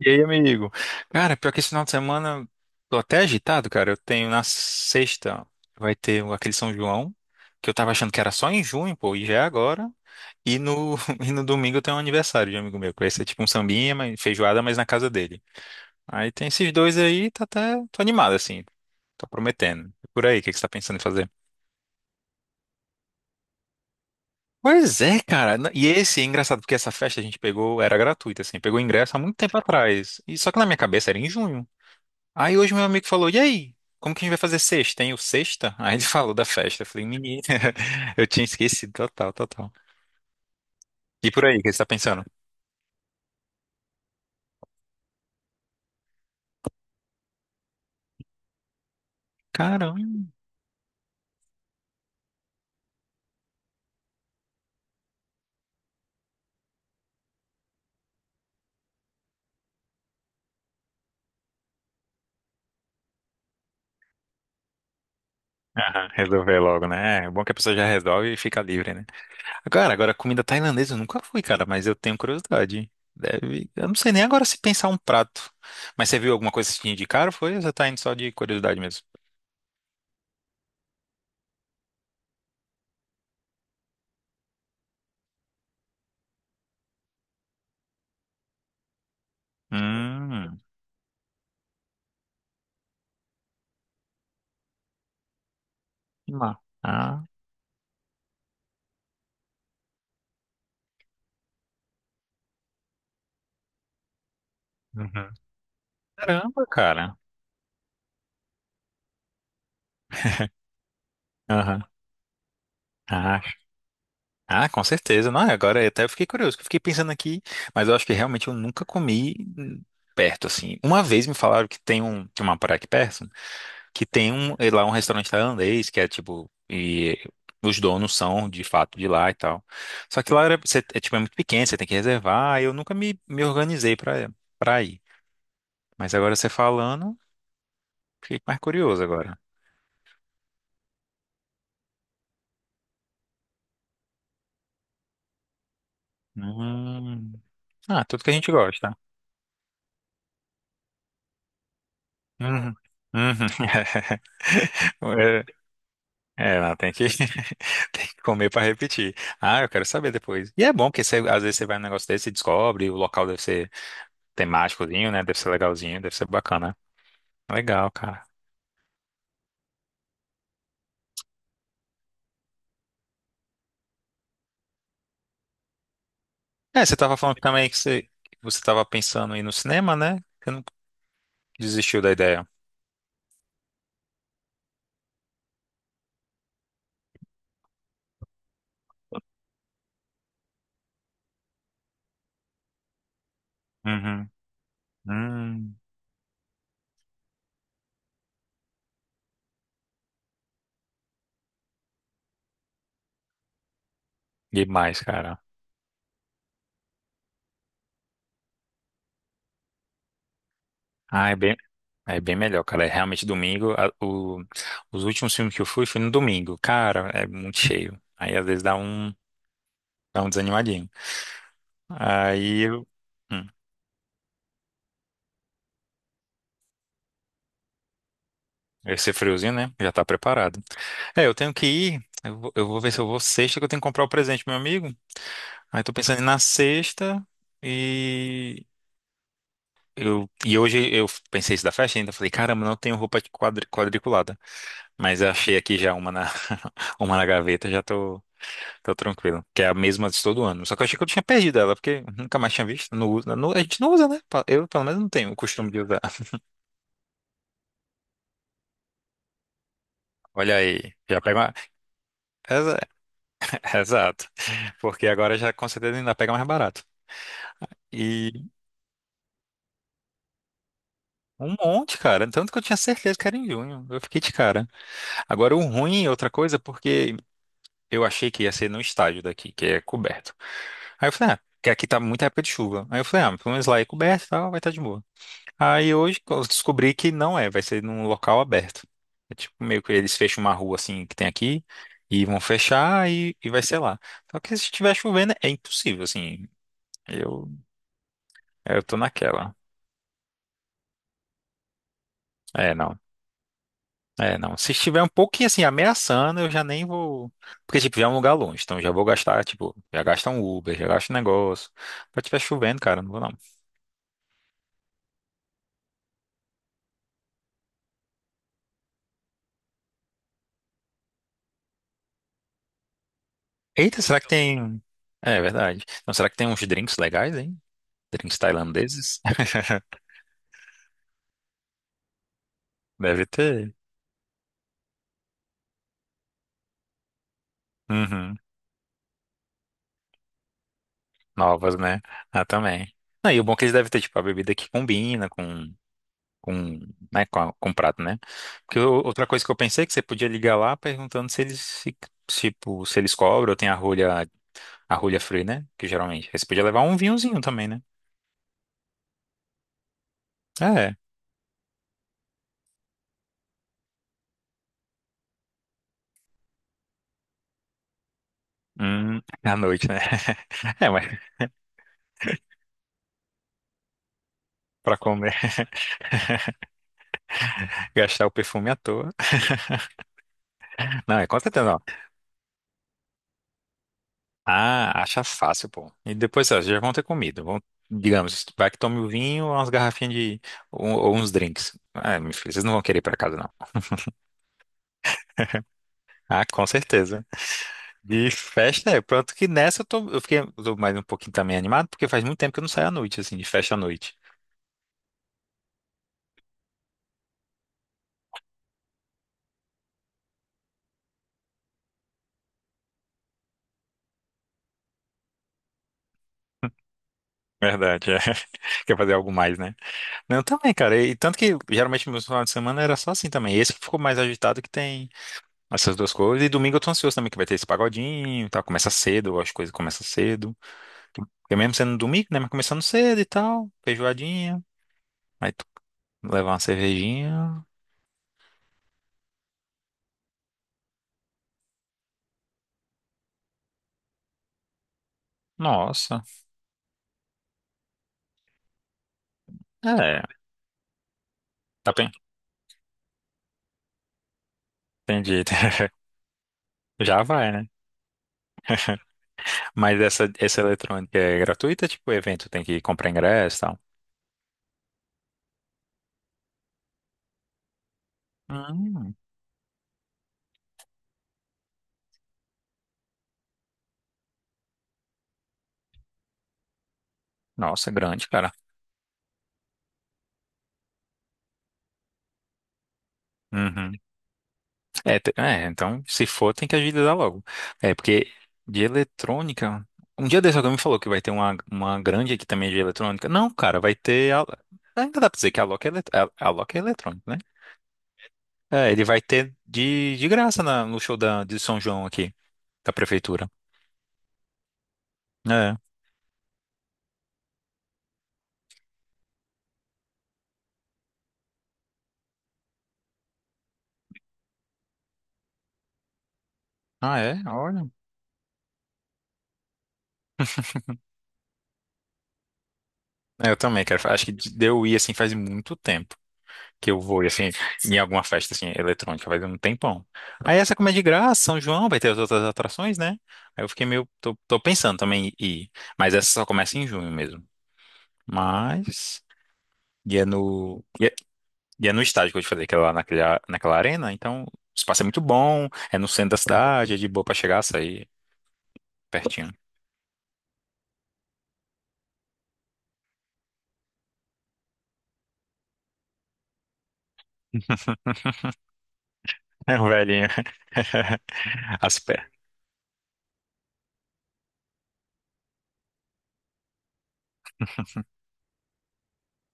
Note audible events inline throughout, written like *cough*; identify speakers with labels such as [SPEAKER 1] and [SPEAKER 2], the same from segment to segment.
[SPEAKER 1] E aí, amigo? Cara, pior que esse final de semana tô até agitado, cara. Eu tenho na sexta aquele São João, que eu tava achando que era só em junho, pô, e já é agora. E no, *laughs* e no domingo eu tenho um aniversário de um amigo meu, que vai ser tipo um sambinha, feijoada, mas na casa dele. Aí tem esses dois aí, tá até, tô animado, assim. Tô prometendo. E por aí, o que que você tá pensando em fazer? Pois é, cara. E esse é engraçado, porque essa festa a gente pegou, era gratuita, assim, pegou ingresso há muito tempo atrás. E só que na minha cabeça era em junho. Aí hoje meu amigo falou, e aí? Como que a gente vai fazer sexta, hein? O sexta? *laughs* Aí ele falou da festa. Eu falei, menino, *laughs* eu tinha esquecido total, total. E por aí, o que você tá pensando? Caramba. Aham, resolver logo, né? É bom que a pessoa já resolve e fica livre, né? Agora, agora, comida tailandesa eu nunca fui, cara, mas eu tenho curiosidade. Deve... Eu não sei nem agora se pensar um prato. Mas você viu alguma coisa que te indicaram, foi? Ou você tá indo só de curiosidade mesmo? Hum, que ma- ah, uhum. Caramba, cara. Aham. Ah, Ah, com certeza. Não, agora eu até fiquei curioso, que eu fiquei pensando aqui, mas eu acho que realmente eu nunca comi perto, assim. Uma vez me falaram que tem um, tem uma praia aqui perto, que tem um, lá um restaurante tailandês, que é tipo, e os donos são de fato de lá e tal. Só que lá era, é, tipo, é muito pequeno, você tem que reservar, e eu nunca me, me organizei pra, pra ir. Mas agora você falando, fiquei mais curioso agora. Hum. Ah, tudo que a gente gosta. Uhum. Uhum. *laughs* *laughs* É, ela tem que, *laughs* tem que comer para repetir. Ah, eu quero saber depois. E é bom, porque às vezes você vai num negócio desse e descobre, o local deve ser temáticozinho, né? Deve ser legalzinho, deve ser bacana. Legal, cara. É, você tava falando também que você tava pensando em ir no cinema, né? Você não desistiu da ideia. Uhum. Hum, demais, cara. Ah, é bem melhor, cara. É realmente domingo. Os últimos filmes que eu fui, fui no domingo. Cara, é muito cheio. Aí às vezes dá um desanimadinho. Aí, eu- hum, esse friozinho, né? Já tá preparado. É, eu tenho que ir. Eu vou ver se eu vou sexta, que eu tenho que comprar o presente, pro meu amigo. Aí tô pensando em ir na sexta e. Eu, e hoje eu pensei isso da festa ainda. Falei, caramba, não tenho roupa de quadriculada. Mas eu achei aqui já uma na, *laughs* uma na gaveta, já tô, tô tranquilo. Que é a mesma de todo ano. Só que eu achei que eu tinha perdido ela, porque nunca mais tinha visto. Não usa, a gente não usa, né? Eu, pelo menos, não tenho o costume de usar. *laughs* Olha aí, já pega uma. *laughs* Exato. Porque agora já com certeza ainda pega mais barato. E um monte, cara. Tanto que eu tinha certeza que era em junho. Eu fiquei de cara. Agora, o ruim é outra coisa, porque eu achei que ia ser no estádio daqui, que é coberto. Aí eu falei, ah, que aqui tá muita época de chuva. Aí eu falei, ah, pelo menos lá é coberto e tal, vai estar de boa. Aí hoje eu descobri que não é, vai ser num local aberto. É tipo meio que eles fecham uma rua assim que tem aqui e vão fechar e vai ser lá. Só que se estiver chovendo é impossível, assim. Eu, eu tô naquela. É, não. É, não. Se estiver um pouquinho assim ameaçando, eu já nem vou. Porque, tipo, já é um lugar longe, então já vou gastar, tipo, já gasta um Uber, já gasta um negócio. Se estiver chovendo, cara, não vou não. Eita, será que tem. É, verdade. Então, será que tem uns drinks legais, hein? Drinks tailandeses? *laughs* Deve ter. Uhum. Novas, né? Ah, também. Não, e o bom é que eles devem ter, tipo, a bebida que combina com, né, com, com prato, né? Porque outra coisa que eu pensei é que você podia ligar lá perguntando se eles, tipo, se eles cobram ou tem a rolha free, né? Que geralmente. Aí você podia levar um vinhozinho também, né? É. Hum, *laughs* à noite, né? *laughs* É, mas pra comer, *laughs* gastar o perfume à toa. Não, é com certeza não. Ah, acha fácil, pô. E depois, ó, já vão ter comido. Vão, digamos, vai que tome o vinho, umas garrafinhas de. Ou uns drinks. É, meu filho, vocês não vão querer ir pra casa, não. Ah, com certeza. De festa, é. Pronto que nessa eu tô, eu fiquei, eu tô mais um pouquinho também animado, porque faz muito tempo que eu não saio à noite, assim, de festa à noite. Verdade, é. *laughs* Quer fazer algo mais, né? Não, também, cara. E tanto que geralmente meus finais de semana era só assim também. Esse que ficou mais agitado que tem essas duas coisas. E domingo eu tô ansioso também, que vai ter esse pagodinho e tal. Começa cedo, as coisas começam cedo. Porque mesmo sendo domingo, né? Mas começando cedo e tal, feijoadinha. Aí tu levar uma cervejinha. Nossa. É, tá bem. Entendi. *laughs* Já vai, né? Mas essa eletrônica é gratuita? Tipo, o evento tem que comprar ingresso e tal? Hum, nossa, grande, cara. Uhum. É, é, então, se for, tem que agilizar logo. É, porque de eletrônica. Um dia desse alguém me falou que vai ter uma grande aqui também de eletrônica. Não, cara, vai ter. Ainda dá pra dizer que a Loki é, a Loki é eletrônica, né? É, ele vai ter de graça no show da, de São João aqui, da prefeitura. É. Ah, é? Olha. *laughs* É, Eu também, cara. Acho que deu eu ir assim faz muito tempo. Que eu vou, e, assim, em alguma festa, assim, eletrônica, vai um tempão. Aí essa, como é de graça, São João, vai ter as outras atrações, né? Aí eu fiquei meio, tô, tô pensando também em ir, mas essa só começa em junho mesmo. Mas, e é no, e é, e é no estádio que eu te falei, que é lá naquela, naquela arena, então o espaço é muito bom, é no centro da cidade, é de boa pra chegar, sair pertinho. É um velhinho, *laughs* as pé.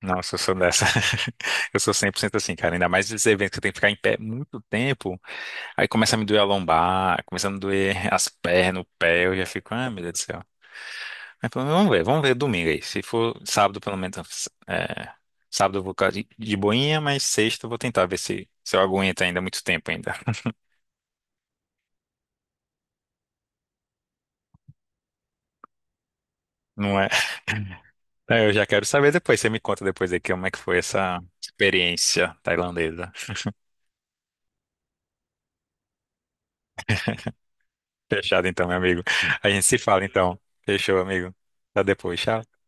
[SPEAKER 1] Nossa, eu sou dessa. *laughs* Eu sou 100% assim, cara. Ainda mais esses eventos que tem que ficar em pé muito tempo. Aí começa a me doer a lombar, começa a me doer *laughs* as pernas, o pé, eu já fico, ah, meu Deus do céu. Mas pelo menos vamos ver domingo aí. Se for sábado, pelo menos, é, sábado eu vou ficar de boinha, mas sexta eu vou tentar ver se, se eu aguento ainda muito tempo ainda. *laughs* Não é? Aí Eu já quero saber depois, você me conta depois aqui como é que foi essa experiência tailandesa. Fechado então, meu amigo. A gente se fala então. Fechou, amigo. Até depois, tchau.